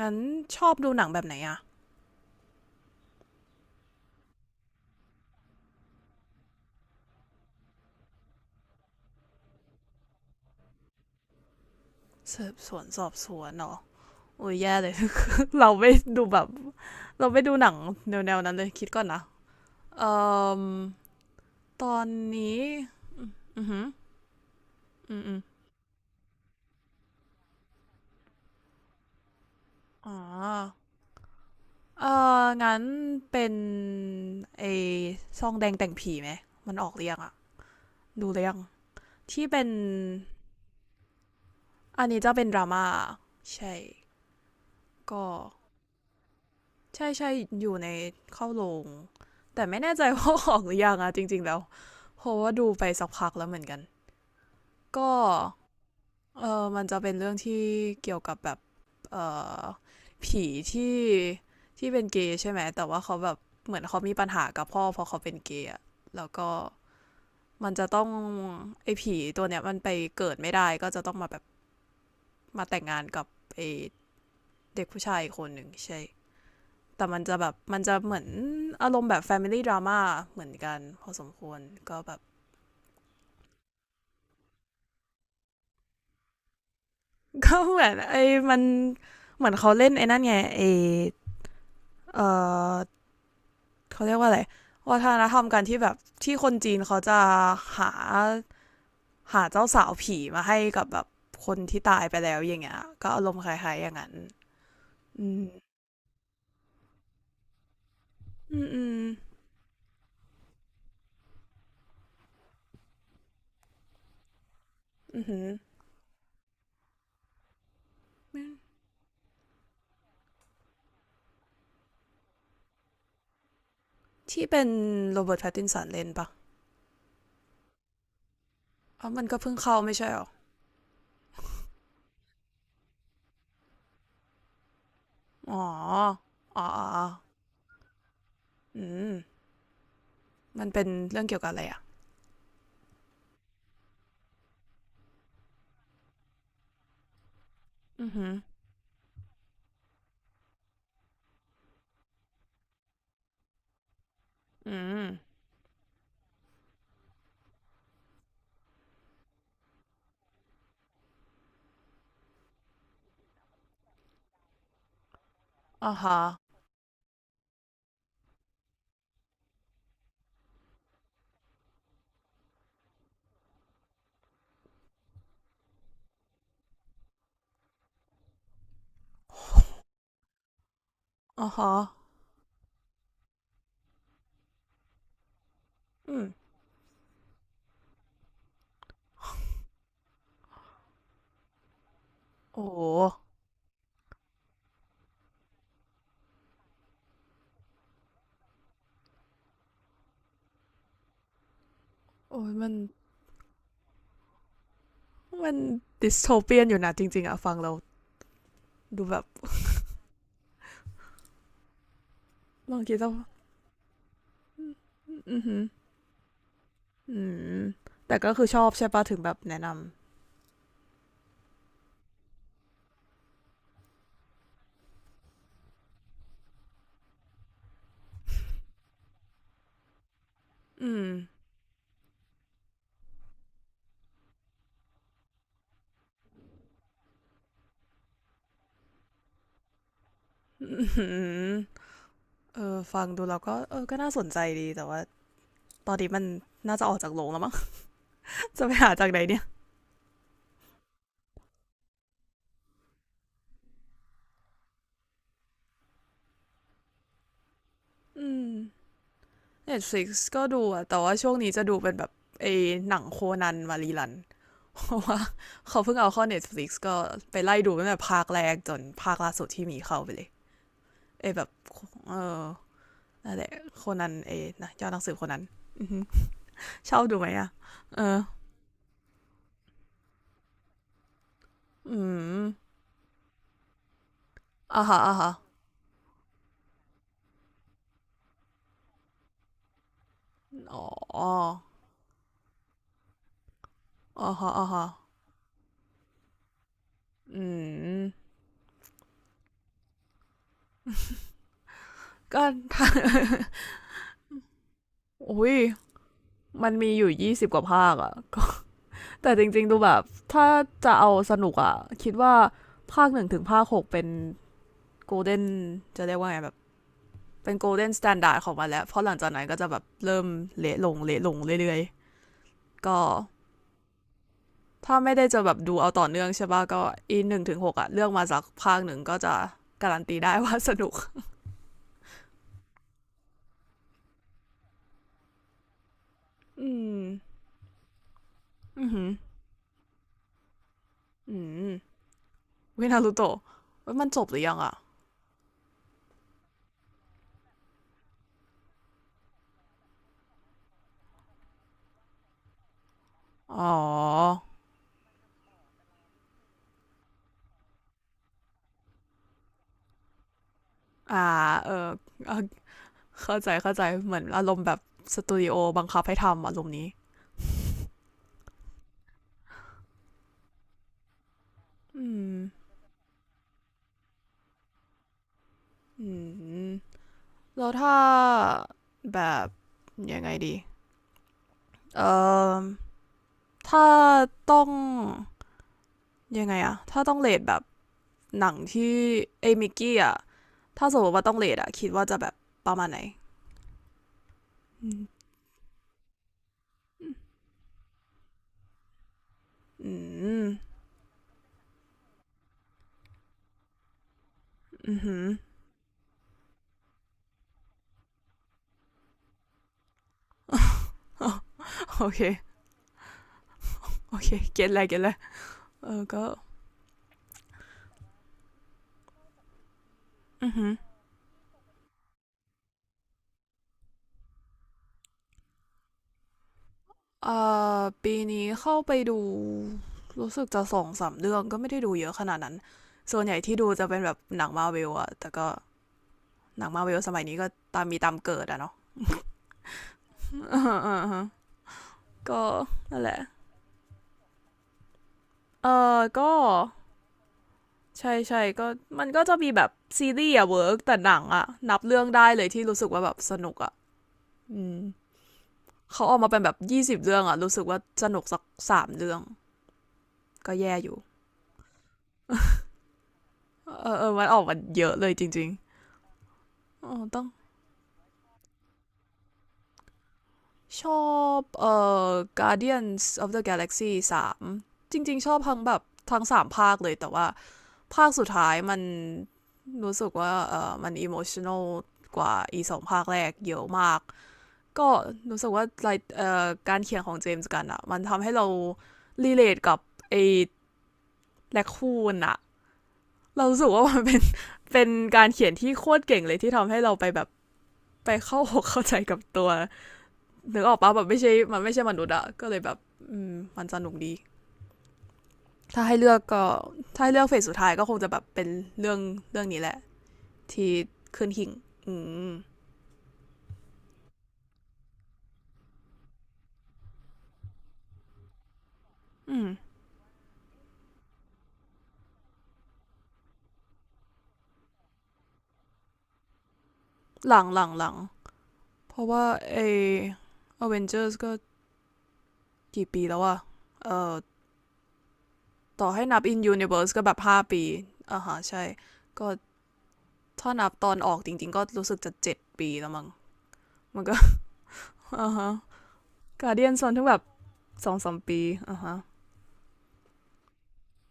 งั้นชอบดูหนังแบบไหนอะสืบสวนสอบสวนเนาะโอ้ยแย่เลย เราไม่ดูแบบเราไม่ดูหนังแนวๆนั้นเลยคิดก่อนนะเอ่อตอนนี้อือหืออืมอืมอ๋อเอองั้นเป็นไอ้ซองแดงแต่งผีไหมมันออกเรียงอะดูเรียงที่เป็นอันนี้จะเป็นดราม่าใช่ก็ใช่ใช่อยู่ในเข้าโรง แต่ไม่แน่ใจว่าออกหรือยังอะ จริงๆแล้วเพราะว่าดูไปสักพักแล้วเหมือนกันก็เออมันจะเป็นเรื่องที่เกี่ยวกับแบบเออผีที่ที่เป็นเกย์ใช่ไหมแต่ว่าเขาแบบเหมือนเขามีปัญหากับพ่อเพราะเขาเป็นเกย์แล้วก็มันจะต้องไอ้ผีตัวเนี้ยมันไปเกิดไม่ได้ก็จะต้องมาแบบมาแต่งงานกับไอ้เด็กผู้ชายคนหนึ่งใช่แต่มันจะแบบมันจะเหมือนอารมณ์แบบ Family Drama เหมือนกันพอสมควรก็แบบ ก็เหมือนไอ้มันเหมือนเขาเล่นไอ้นั่นไงไอ้เออเขาเรียกว่าอะไรวัฒนธรรมการที่แบบที่คนจีนเขาจะหาหาเจ้าสาวผีมาให้กับแบบคนที่ตายไปแล้วอย่างเงี้ยก็อารมณ์คล้ายๆอย่างนั้นอืมอืมอืมอือหือที่เป็นโรเบิร์ตแพตตินสันเล่นปะอ๋อมันก็เพิ่งเข้าไม่ใช่หรออ๋ออ๋ออ๋ออืมมันเป็นเรื่องเกี่ยวกับอะไรอ่ะอือหืออืมอ๋อฮะอ๋อฮะอืม โอ้โหโอ้ยมัน มันดิสโทเปียนอยู่นะจริงๆอะฟังแล้วดูแบบลองคิดซะว่าอืมอหืมอมอืมแต่ก็คือชอบใช่ปะถึงแบบแนะนำ อืมอืมเออฟังดูแล้วก็เออก็น่าสนใจดีแต่ว่าตอนนี้มันน่าจะออกจากโรงแล้วมั้ง จะไปหาจากไหนเนี่ย อืม Netflix ก็ดูอะแต่ว่าช่วงนี้จะดูเป็นแบบไอ้หนังโคนันมารีลัน เพราะว่าเขาเพิ่งเอาเข้า Netflix ก็ไปไล่ดูตั้งแต่ภาคแรกจนภาคล่าสุดที่มีเข้าไปเลย เอยแบบเออนั่นแหละโคนนันเอยนะเจ้าหนังสือโคนนันอชอบดูไหมอ่ะเออ อืมอ่าฮะอ่าฮะอ๋ออ่าฮะอ่าฮะอืมก็ อุ้ยมันมีอยู่ยี่สิบกว่าภาคอะก็ แต่จริงๆดูแบบถ้าจะเอาสนุกอะคิดว่าภาคหนึ่งถึงภาคหกเป็นโกลเด้นจะเรียกว่าไงแบบเป็นโกลเด้นสแตนดาร์ดของมันแล้วเพราะหลังจากนั้นก็จะแบบเริ่มเละลงเละลงเรื่อยๆก็ ถ้าไม่ได้จะแบบดูเอาต่อเนื่องใช่ป่ะก็อีหนึ่งถึงหกอะเลือกมาสักภาคหนึ่งก็จะการันตีได้ ว่าสนุก อืม อือหืออืมวินารุโตะมันจบหรือยังอะอ๋อ อ่าเออ เข้าใจเข้าใจเหมือนอารมณ์แบบสตูดิโอบังคับให้ทำอารมณ์นี้ อืม อืมแล้วถ้าแบบยังไงดี เอ่อถ้าต้องยังไงอะถ้าต้องเลทแบบหนังที่เอมิกกี้อะ ถ้าสมมติว่าต้องเลทอะคิดว่าจะแบบประมาณไหนอืมอืมอือหือ โอเคโอเคเก็ตแล้วเก็ตแล้วเออก็อือหือเอ่ปีนี้เข้าไปดูรู้สึกจะสองสามเรื่องก็ไม่ได้ดูเยอะขนาดนั้นส่วนใหญ่ที่ดูจะเป็นแบบหนังมาร์เวลอะแต่ก็หนังมาร์เวลสมัยนี้ก็ตามมีตามเกิดอะเนาะ อ่อ่าก็นั่นแหละเออก็ใช่ใช่ก็มันก็จะมีแบบซีรีส์อะเวิร์กแต่หนังอะนับเรื่องได้เลยที่รู้สึกว่าแบบสนุกอะ อืมเขาออกมาเป็นแบบยี่สิบเรื่องอะรู้สึกว่าสนุกสักสามเรื่องก็แย่อยู่ เออเออมันออกมาเยอะเลยจริงๆอ๋อต้องชอบอ Guardians of the Galaxy สามจริงๆชอบทั้งแบบทั้งสามภาคเลย แต่ว่าภาคสุดท้ายมันรู้สึกว่าเออมันอิโมชัน a ลกว่าอีสองภาคแรกเยอะมาก ก็รู้สึกว่าไลท์การเขียนของเจมส์กันอะมันทำให้เรารีเลทกับไอ้แลคคูนอะ เรารู้สึกว่ามันเป็น เป็นการเขียนที่โคตรเก่งเลยที่ทำให้เราไปแบบไปเข้าหก เข้าใจกับตัวนึกออกปะแบบไม่ใช่มันไม่ใช่มนุษย์อะก็เลยแบบมันสนุกดีถ้าให้เลือกก็ถ้าให้เลือกเฟสสุดท้ายก็คงจะแบบเป็นเรื่องเรื่องนี้แหละที่ขึ้นหิ่งอืมอืมหลังหลังหลังเพราะว่าไอเวน e จอร์ก็กี่ปีแล้วอะเอ่อต่อให้นับ in universe ก็แบบห้าปีอ่าฮะใช่ก็ถ้านับตอนออกจริงๆก็รู้สึกจะเจ็ดปีแล้วมั้งมันก็ อ่าฮะการเดียนสอนทั้งแบบสองสามปีอ่าฮะ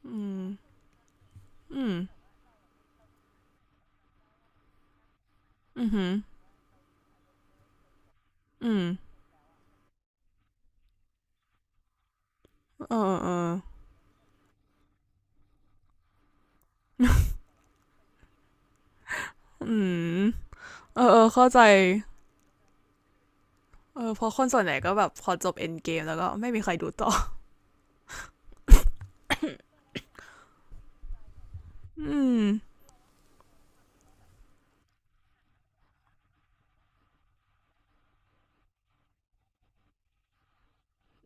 อืมอืมอือหืออืมเออเอออืมเออเออเข้าใจเออเพราะคนส่วนใหญ่ก็แบบพอจบเอ็นเกมแล้วก็ไม่มีใครดูต่อ อืม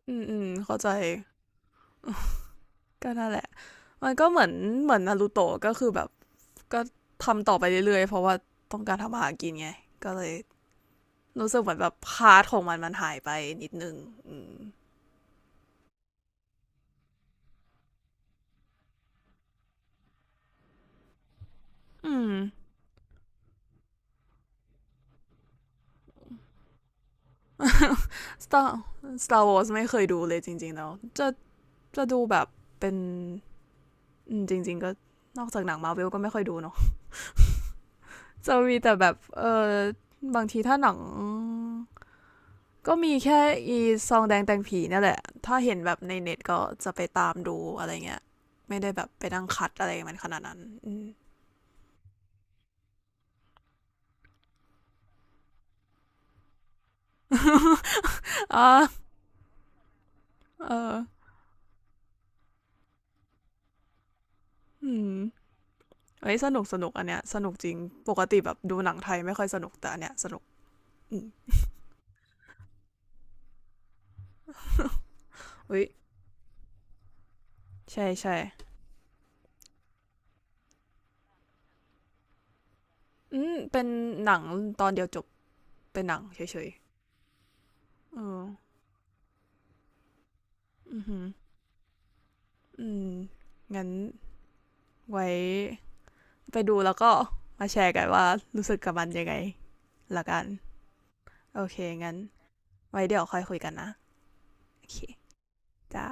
อืมอืมเข้าใจก็นั่นแหละมันก็เหมือนเหมือนนารูโตะก็คือแบบก็ทำต่อไปเรื่อยๆเพราะว่าต้องการทำอาหารกินไงก็เลยรู้สึกเหมือนแบบพาร์ทของมันมันหายไปนิดนึงอืมอืม Star Star Wars ไม่เคยดูเลยจริงๆแล้วจะจะดูแบบเป็นจริงๆก็นอกจากหนังมาิวก็ไม่ค่อยดูเนาะจะมีแต่แบบเออบางทีถ้าหนังก็มีแค่อีซองแดงแตงผีนั่นแหละ ถ้าเห็นแบบในเน็ตก็จะไปตามดูอะไรเงี้ยไม่ได้แบบไปนั่งคัดอะไรมันขนาดนั้นออ่าเอออืมเอ้ยสนุกสนุกอันเนี้ยสนุกจริง ปกติแบบดูหนังไทยไม่ค่อยสนุกแต่อันเนี้ยสนุกอืม อุ้ยใช่ใช่ อืมเป็นหนังตอนเดียวจบเป็นหนังเฉยๆเอออือหืออืม งั้นไว้ไปดูแล้วก็มาแชร์กันว่ารู้สึกกับมันยังไงละกันโอเคงั้นไว้เดี๋ยวค่อยคุยกันนะโอเคจ้า